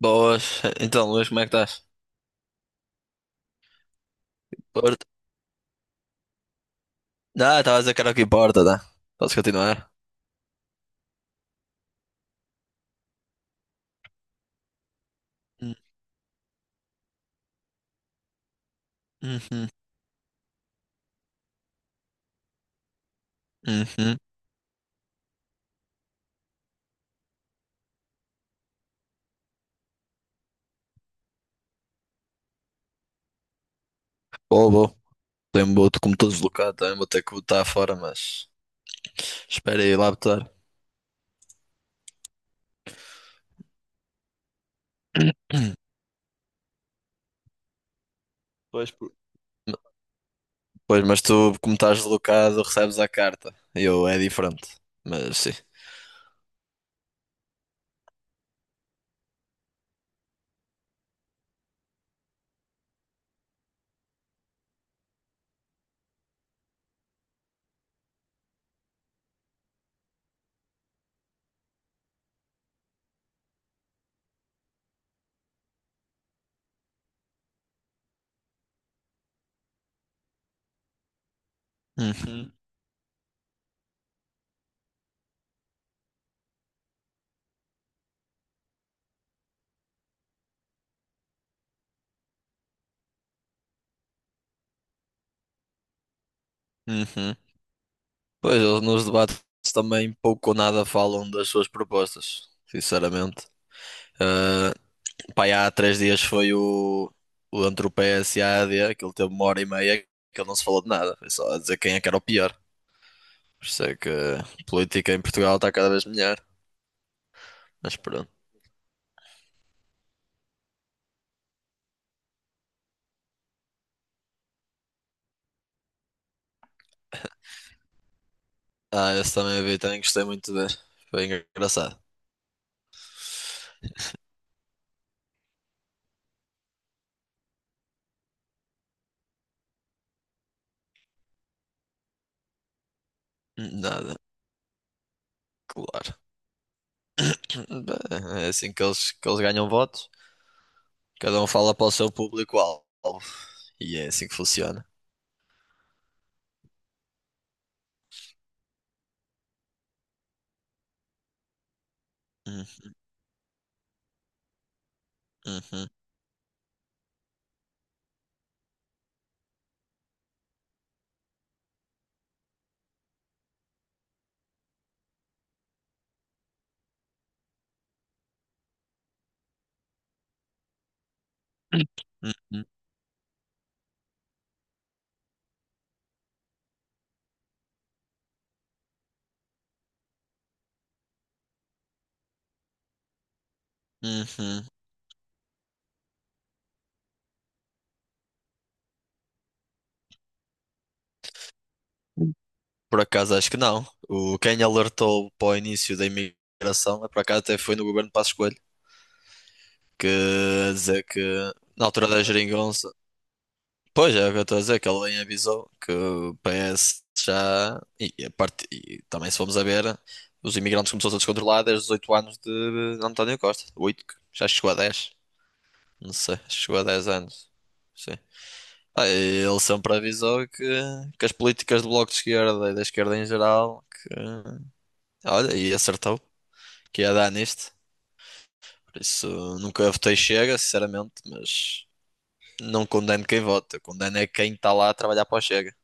Boas. Então, Luís, como é que estás? Porto. Não, estava a dizer que era aqui Porta, tá? Posso continuar? Hum. Uhum. Uhum. Boa, boa. Tenho boto como estou deslocado também, vou ter que botar fora, mas espera aí lá botar. Pois, por- Pois, mas tu, como estás deslocado, recebes a carta. Eu, é diferente. Mas sim. Uhum. Uhum. Pois, eles nos debates também pouco ou nada falam das suas propostas, sinceramente. Ah. Pá, e há 3 dias foi o entre o PS e a AD, aquilo teve uma hora e meia que ele não se falou de nada. Foi só a dizer quem é que era o pior. Por isso é que a política em Portugal está cada vez melhor. Mas pronto. Ah, esse também vi, também gostei muito de ver. Foi engraçado. Nada, claro. Bem, é assim que eles ganham votos. Cada um fala para o seu público-alvo. E é assim que funciona. Uhum. Uhum. Uhum. Uhum. Por acaso acho que não. Quem alertou para o início da imigração, é por acaso até foi no governo de Passos Coelho, que a dizer que na altura da geringonça. Pois é, o que eu estou a dizer, que ele bem avisou que o PS já. E, a parte, e também se formos a ver, os imigrantes começou a descontrolar desde os 8 anos de António Costa. 8 já chegou a 10. Não sei, chegou a 10 anos. Sim. Ah, e ele sempre avisou que as políticas do Bloco de Esquerda e da esquerda em geral, que, olha, e acertou. Que ia dar nisto. Por isso nunca votei Chega, sinceramente, mas não condeno quem vota. Condeno é quem está lá a trabalhar para o Chega.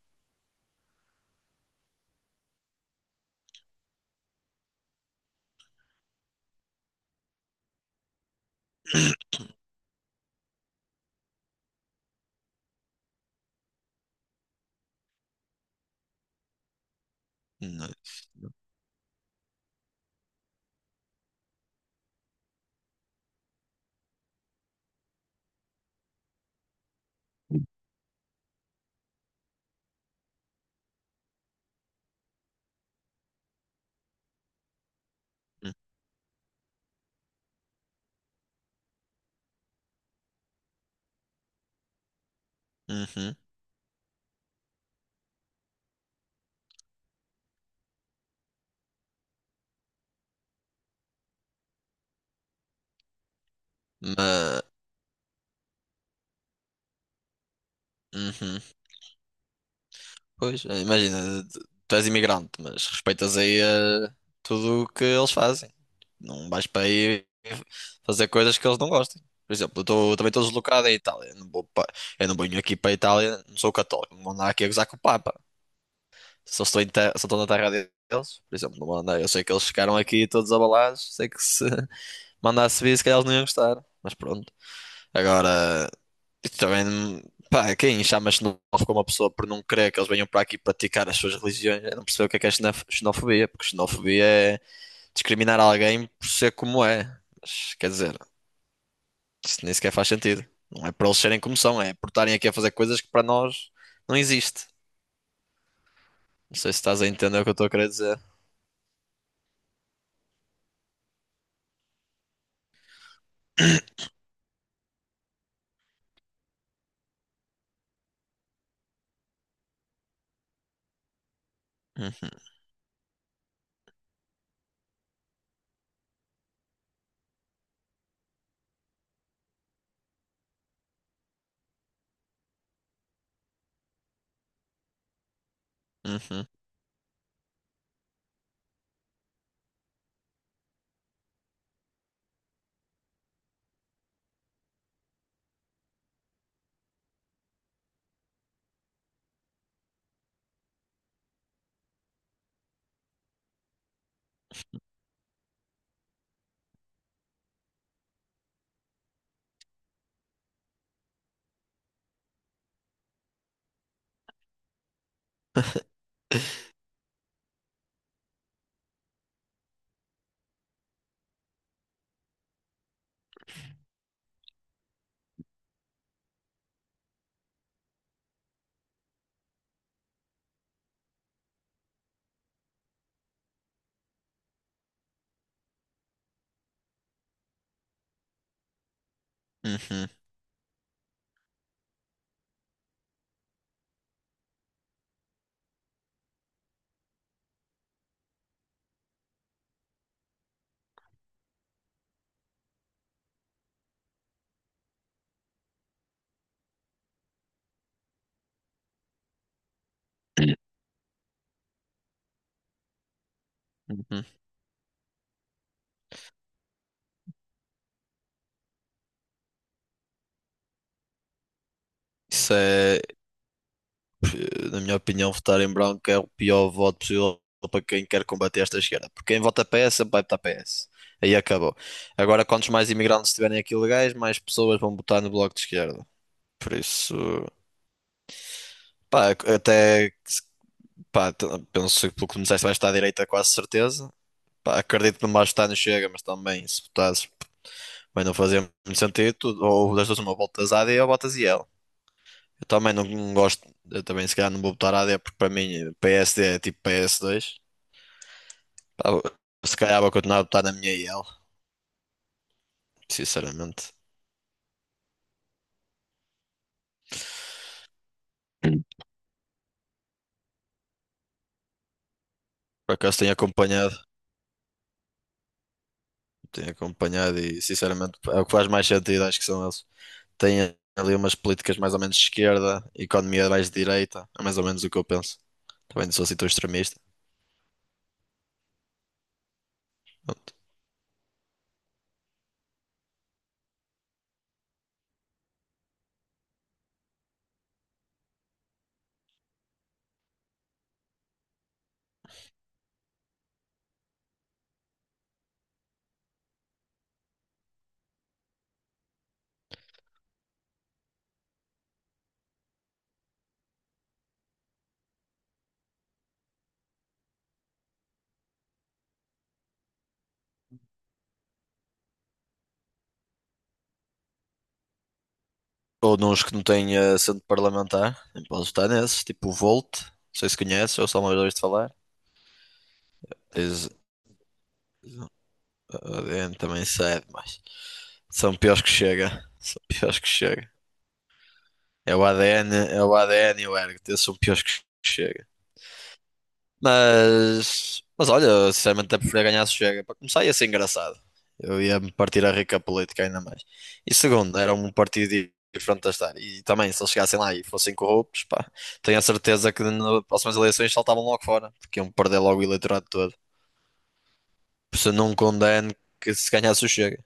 Não- Uhum. Mas, uhum. Pois, é, imagina, tu és imigrante, mas respeitas aí tudo o que eles fazem. Não vais para aí fazer coisas que eles não gostem. Por exemplo, também estou deslocado em Itália. Eu não venho aqui para a Itália, não sou católico, não vou andar aqui a gozar com o Papa. Só estou, em terra, só estou na terra deles, por exemplo, não mandei. Eu sei que eles ficaram aqui todos abalados, sei que se mandasse vir, se calhar eles não iam gostar, mas pronto. Agora, isto também, pá, quem chama xenófobo uma pessoa por não querer que eles venham para aqui praticar as suas religiões, eu não percebo o que é xenofobia, porque xenofobia é discriminar alguém por ser como é. Mas, quer dizer, isso nem sequer faz sentido. Não é para eles serem como são, é por estarem aqui a fazer coisas que para nós não existe. Não sei se estás a entender o que eu estou a querer dizer. Uhum. Uhum. Uhum. Uhum. Isso é, na minha opinião, votar em branco é o pior voto possível para quem quer combater esta esquerda. Porque quem vota PS sempre vai votar PS. Aí acabou. Agora, quantos mais imigrantes estiverem aqui legais, mais pessoas vão votar no bloco de esquerda. Por isso, pá, até, pá, penso que pelo que me disseste vais estar à direita, quase certeza. Pá, acredito que não vais votar no Chega, mas também, se votasses, vai não fazer muito sentido. Ou das duas, uma, votas AD ou votas IL. Eu também não gosto, eu também se calhar não vou votar AD porque para mim PSD é tipo PS2. Pá, se calhar vou continuar a votar na minha IL, sinceramente. Hum. Por acaso tenho acompanhado e sinceramente é o que faz mais sentido, acho que são eles. Têm ali umas políticas mais ou menos de esquerda, economia mais de direita, é mais ou menos o que eu penso. Também não sou assim tão extremista. Pronto. Ou nos que não têm assento parlamentar, nem posso votar nesses, tipo o Volt, não sei se conheces, ou só uma vez ouviste falar. Tens. O ADN também cede, mas são piores que chega. São piores que chega. É o ADN e o ergo. São piores que chega. Mas olha, sinceramente até preferia ganhar se chega. Para começar ia ser engraçado. Eu ia me partir a rica política ainda mais. E segundo, era um partido diferente de estar. E também, se eles chegassem lá e fossem corruptos, pá, tenho a certeza que nas próximas eleições saltavam logo fora, porque iam perder logo o eleitorado todo. Por isso eu não condeno que se ganhasse o Chega.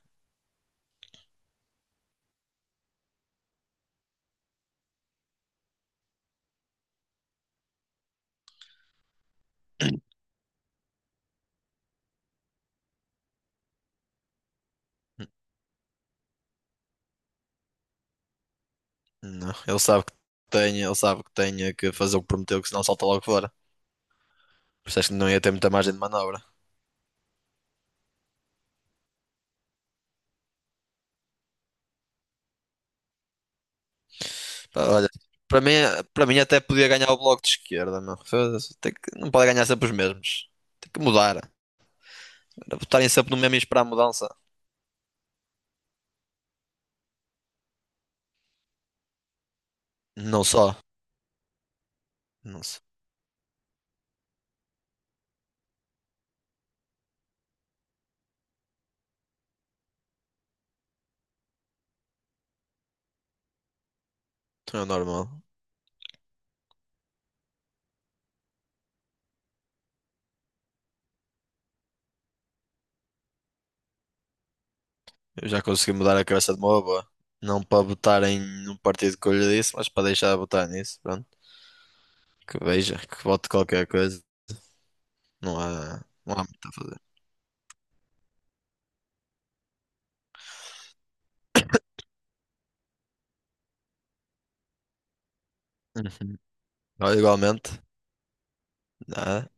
Não, ele sabe que tenha que fazer o que prometeu, que senão salta logo fora. Por isso acho que não ia ter muita margem de manobra. Pá, olha, para mim, para mim até podia ganhar o bloco de esquerda, meu. Foda-se, tem que, não pode ganhar sempre os mesmos. Tem que mudar. Era votarem sempre no mesmo e esperar a mudança. Não só. Não só. Então é normal. Eu já consegui mudar a cabeça de uma boa. Não para votar em um partido que eu lhe disse, mas para deixar de votar nisso. Pronto. Que veja, que vote qualquer coisa. Não há, não há muito a fazer. Uhum. Olha, igualmente. Nada.